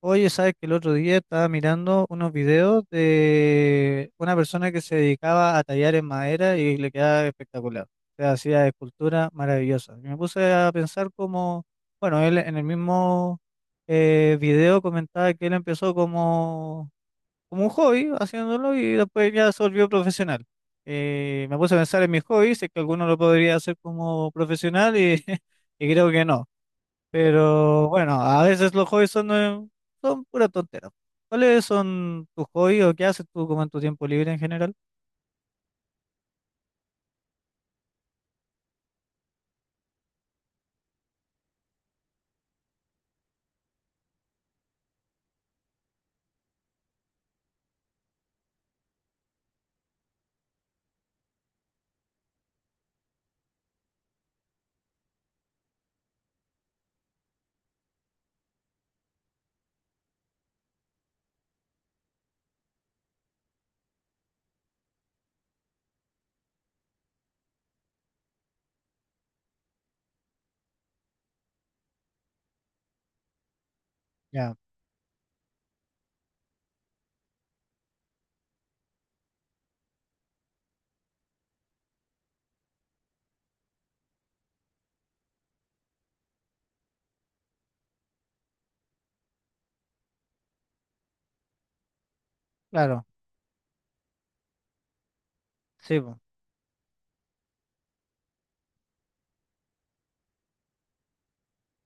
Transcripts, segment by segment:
Oye, ¿sabes que el otro día estaba mirando unos videos de una persona que se dedicaba a tallar en madera y le quedaba espectacular? O sea, hacía esculturas maravillosas. Y me puse a pensar como, bueno, él en el mismo video comentaba que él empezó como, como un hobby haciéndolo y después ya se volvió profesional. Me puse a pensar en mis hobbies, si es que alguno lo podría hacer como profesional y, y creo que no. Pero bueno, a veces los hobbies son, son pura tontera. ¿Cuáles son tus hobbies o qué haces tú como en tu tiempo libre en general? Ya, claro, sí, po,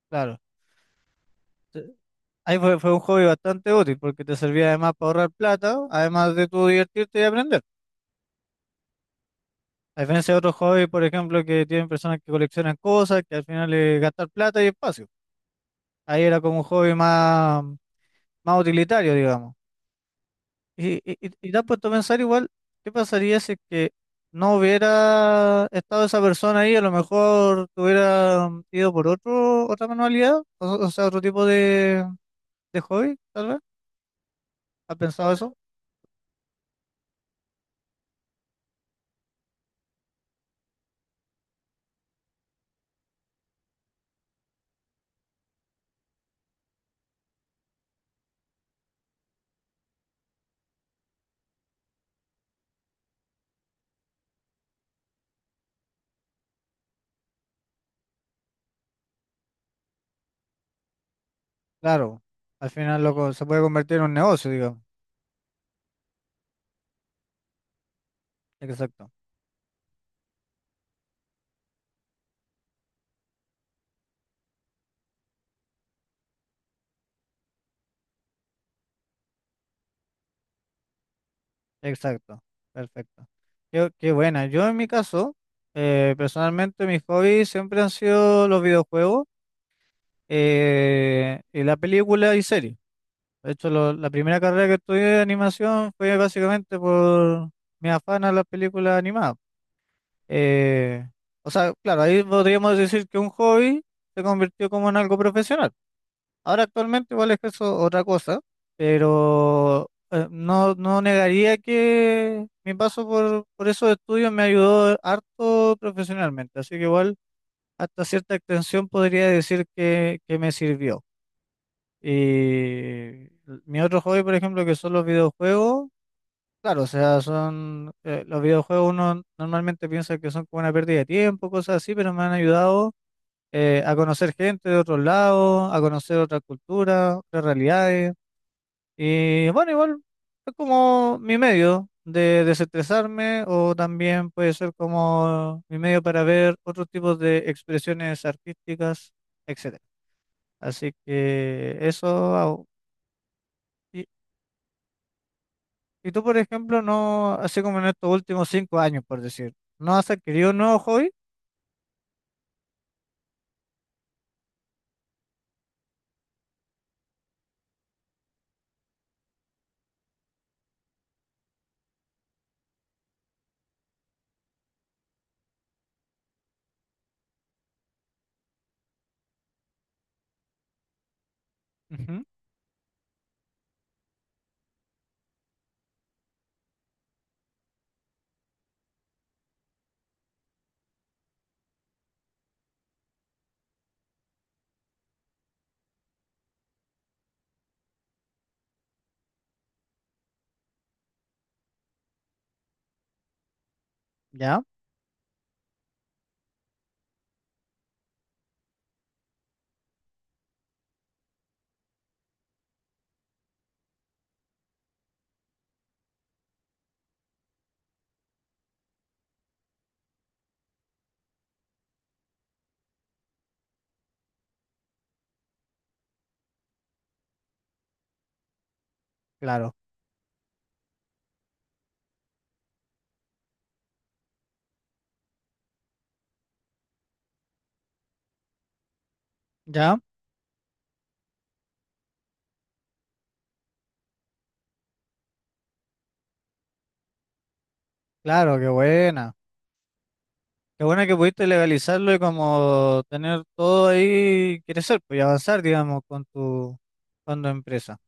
claro. Te- Ahí fue, fue un hobby bastante útil porque te servía además para ahorrar plata, además de tú divertirte y aprender. A diferencia de otros hobbies, por ejemplo, que tienen personas que coleccionan cosas, que al final es gastar plata y espacio. Ahí era como un hobby más, más utilitario, digamos. Y te has puesto a pensar igual, ¿qué pasaría si es que no hubiera estado esa persona ahí? A lo mejor te hubiera ido por otro, otra manualidad, o sea, otro tipo de hobby, tal vez. ¿Has pensado eso? Claro, al final loco, se puede convertir en un negocio, digo. Exacto, exacto, perfecto. Qué, qué buena. Yo en mi caso, personalmente mis hobbies siempre han sido los videojuegos y la película y series. De hecho, la primera carrera que estudié de animación fue básicamente por mi afán a las películas animadas. Eh, o sea, claro, ahí podríamos decir que un hobby se convirtió como en algo profesional. Ahora actualmente igual es eso otra cosa, pero no, no negaría que mi paso por esos estudios me ayudó harto profesionalmente. Así que igual hasta cierta extensión podría decir que me sirvió. Y mi otro hobby, por ejemplo, que son los videojuegos, claro, o sea, son los videojuegos uno normalmente piensa que son como una pérdida de tiempo, cosas así, pero me han ayudado a conocer gente de otros lados, a conocer otras culturas, otras realidades. Y bueno, igual es como mi medio de desestresarme o también puede ser como mi medio para ver otros tipos de expresiones artísticas, etcétera. Así que eso hago. Y tú, por ejemplo, no, así como en estos últimos 5 años, por decir, ¿no has adquirido un nuevo hobby? Ujú. Ya, claro, ya, claro, qué buena. Qué buena que pudiste legalizarlo y como tener todo ahí, crecer, pues y avanzar, digamos, con tu empresa.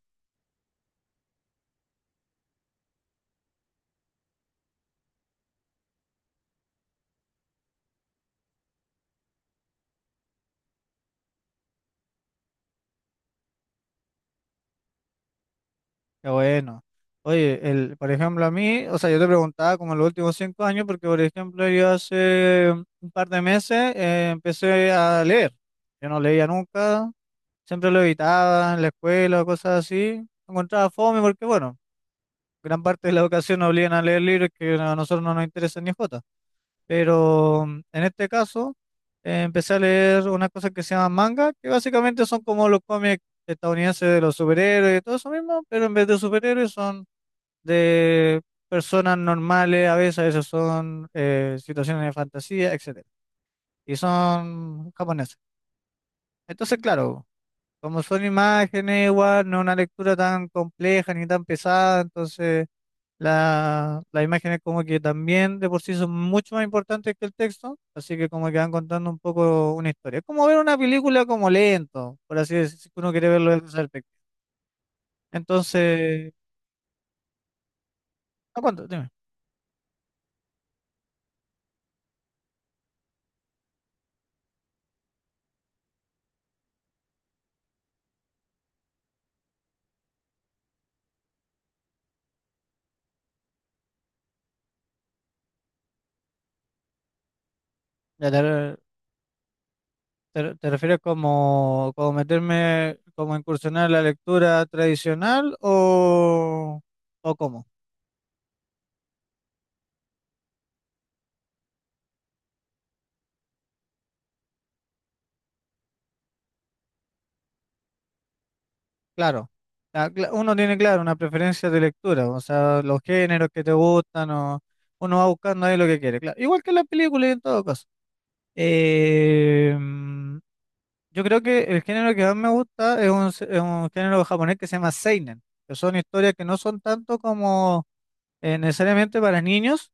Qué bueno. Oye, el, por ejemplo, a mí, o sea, yo te preguntaba como en los últimos 5 años, porque, por ejemplo, yo hace un par de meses empecé a leer. Yo no leía nunca, siempre lo evitaba en la escuela o cosas así. Lo encontraba fome porque, bueno, gran parte de la educación nos obligan a leer libros que a nosotros no nos interesan ni jota. Pero en este caso, empecé a leer unas cosas que se llaman manga, que básicamente son como los cómics estadounidenses de los superhéroes y todo eso mismo, pero en vez de superhéroes son de personas normales, a veces son situaciones de fantasía, etcétera. Y son japoneses. Entonces, claro. Como son imágenes, igual, no es una lectura tan compleja ni tan pesada, entonces la, las imágenes como que también de por sí son mucho más importantes que el texto, así que como que van contando un poco una historia. Es como ver una película como lento, por así decirlo, si uno quiere verlo desde esa perspectiva. Entonces, ¿a cuánto? Dime. Ya te, re- ¿Te refieres como, como meterme, como incursionar en la lectura tradicional o cómo? Claro, ah, uno tiene claro una preferencia de lectura, o sea, los géneros que te gustan, o uno va buscando ahí lo que quiere, claro. Igual que en las películas y en todo caso. Eh, mm, yo creo que el género que más me gusta es un, es un género japonés que se llama seinen, que son historias que no son tanto como necesariamente para niños,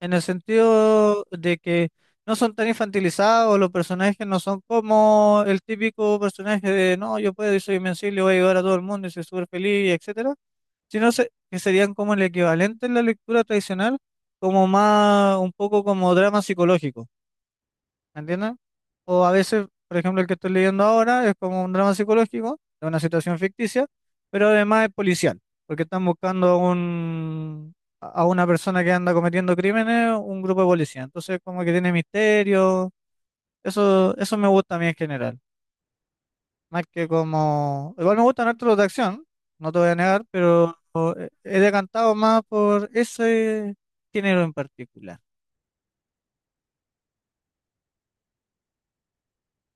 en el sentido de que no son tan infantilizados, los personajes no son como el típico personaje de no, yo puedo y soy invencible, voy a ayudar a todo el mundo y soy súper feliz, etcétera, sino que serían como el equivalente en la lectura tradicional, como más, un poco como drama psicológico, ¿entiendes? O a veces, por ejemplo, el que estoy leyendo ahora es como un drama psicológico, de una situación ficticia, pero además es policial, porque están buscando a un, a una persona que anda cometiendo crímenes, un grupo de policía. Entonces, como que tiene misterio. Eso me gusta a mí en general. Más que como. Igual me gustan harto los de acción, no te voy a negar, pero he decantado más por ese género en particular.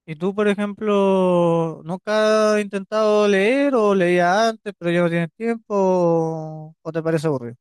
¿Y tú, por ejemplo, nunca has intentado leer o leía antes, pero ya no tienes tiempo o te parece aburrido?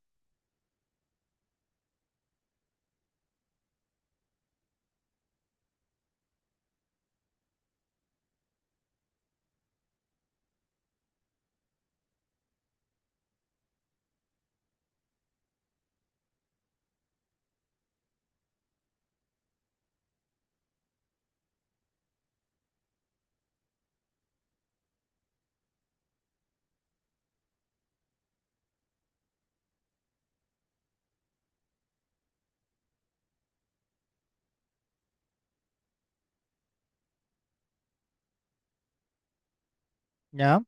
Ya,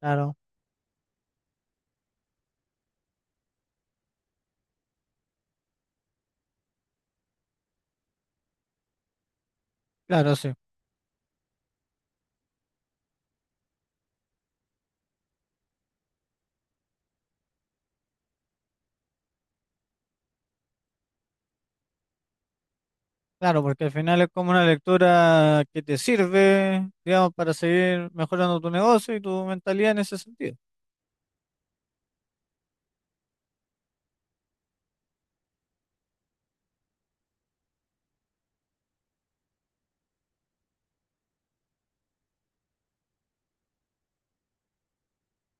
claro, claro, sí. Claro, porque al final es como una lectura que te sirve, digamos, para seguir mejorando tu negocio y tu mentalidad en ese sentido.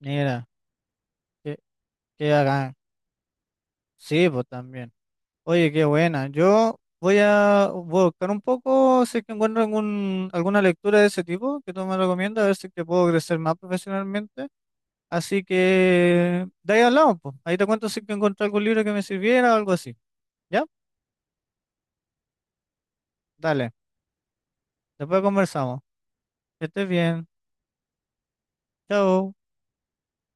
Mira, que, que hagan. Sí, pues también. Oye, qué buena. Yo voy a voy a buscar un poco si es que encuentro algún, alguna lectura de ese tipo que tú me recomiendas, a ver si es que puedo crecer más profesionalmente. Así que de ahí hablamos, pues. Ahí te cuento si que encontré algún libro que me sirviera o algo así. ¿Ya? Dale. Después conversamos. Que estés bien. Chao.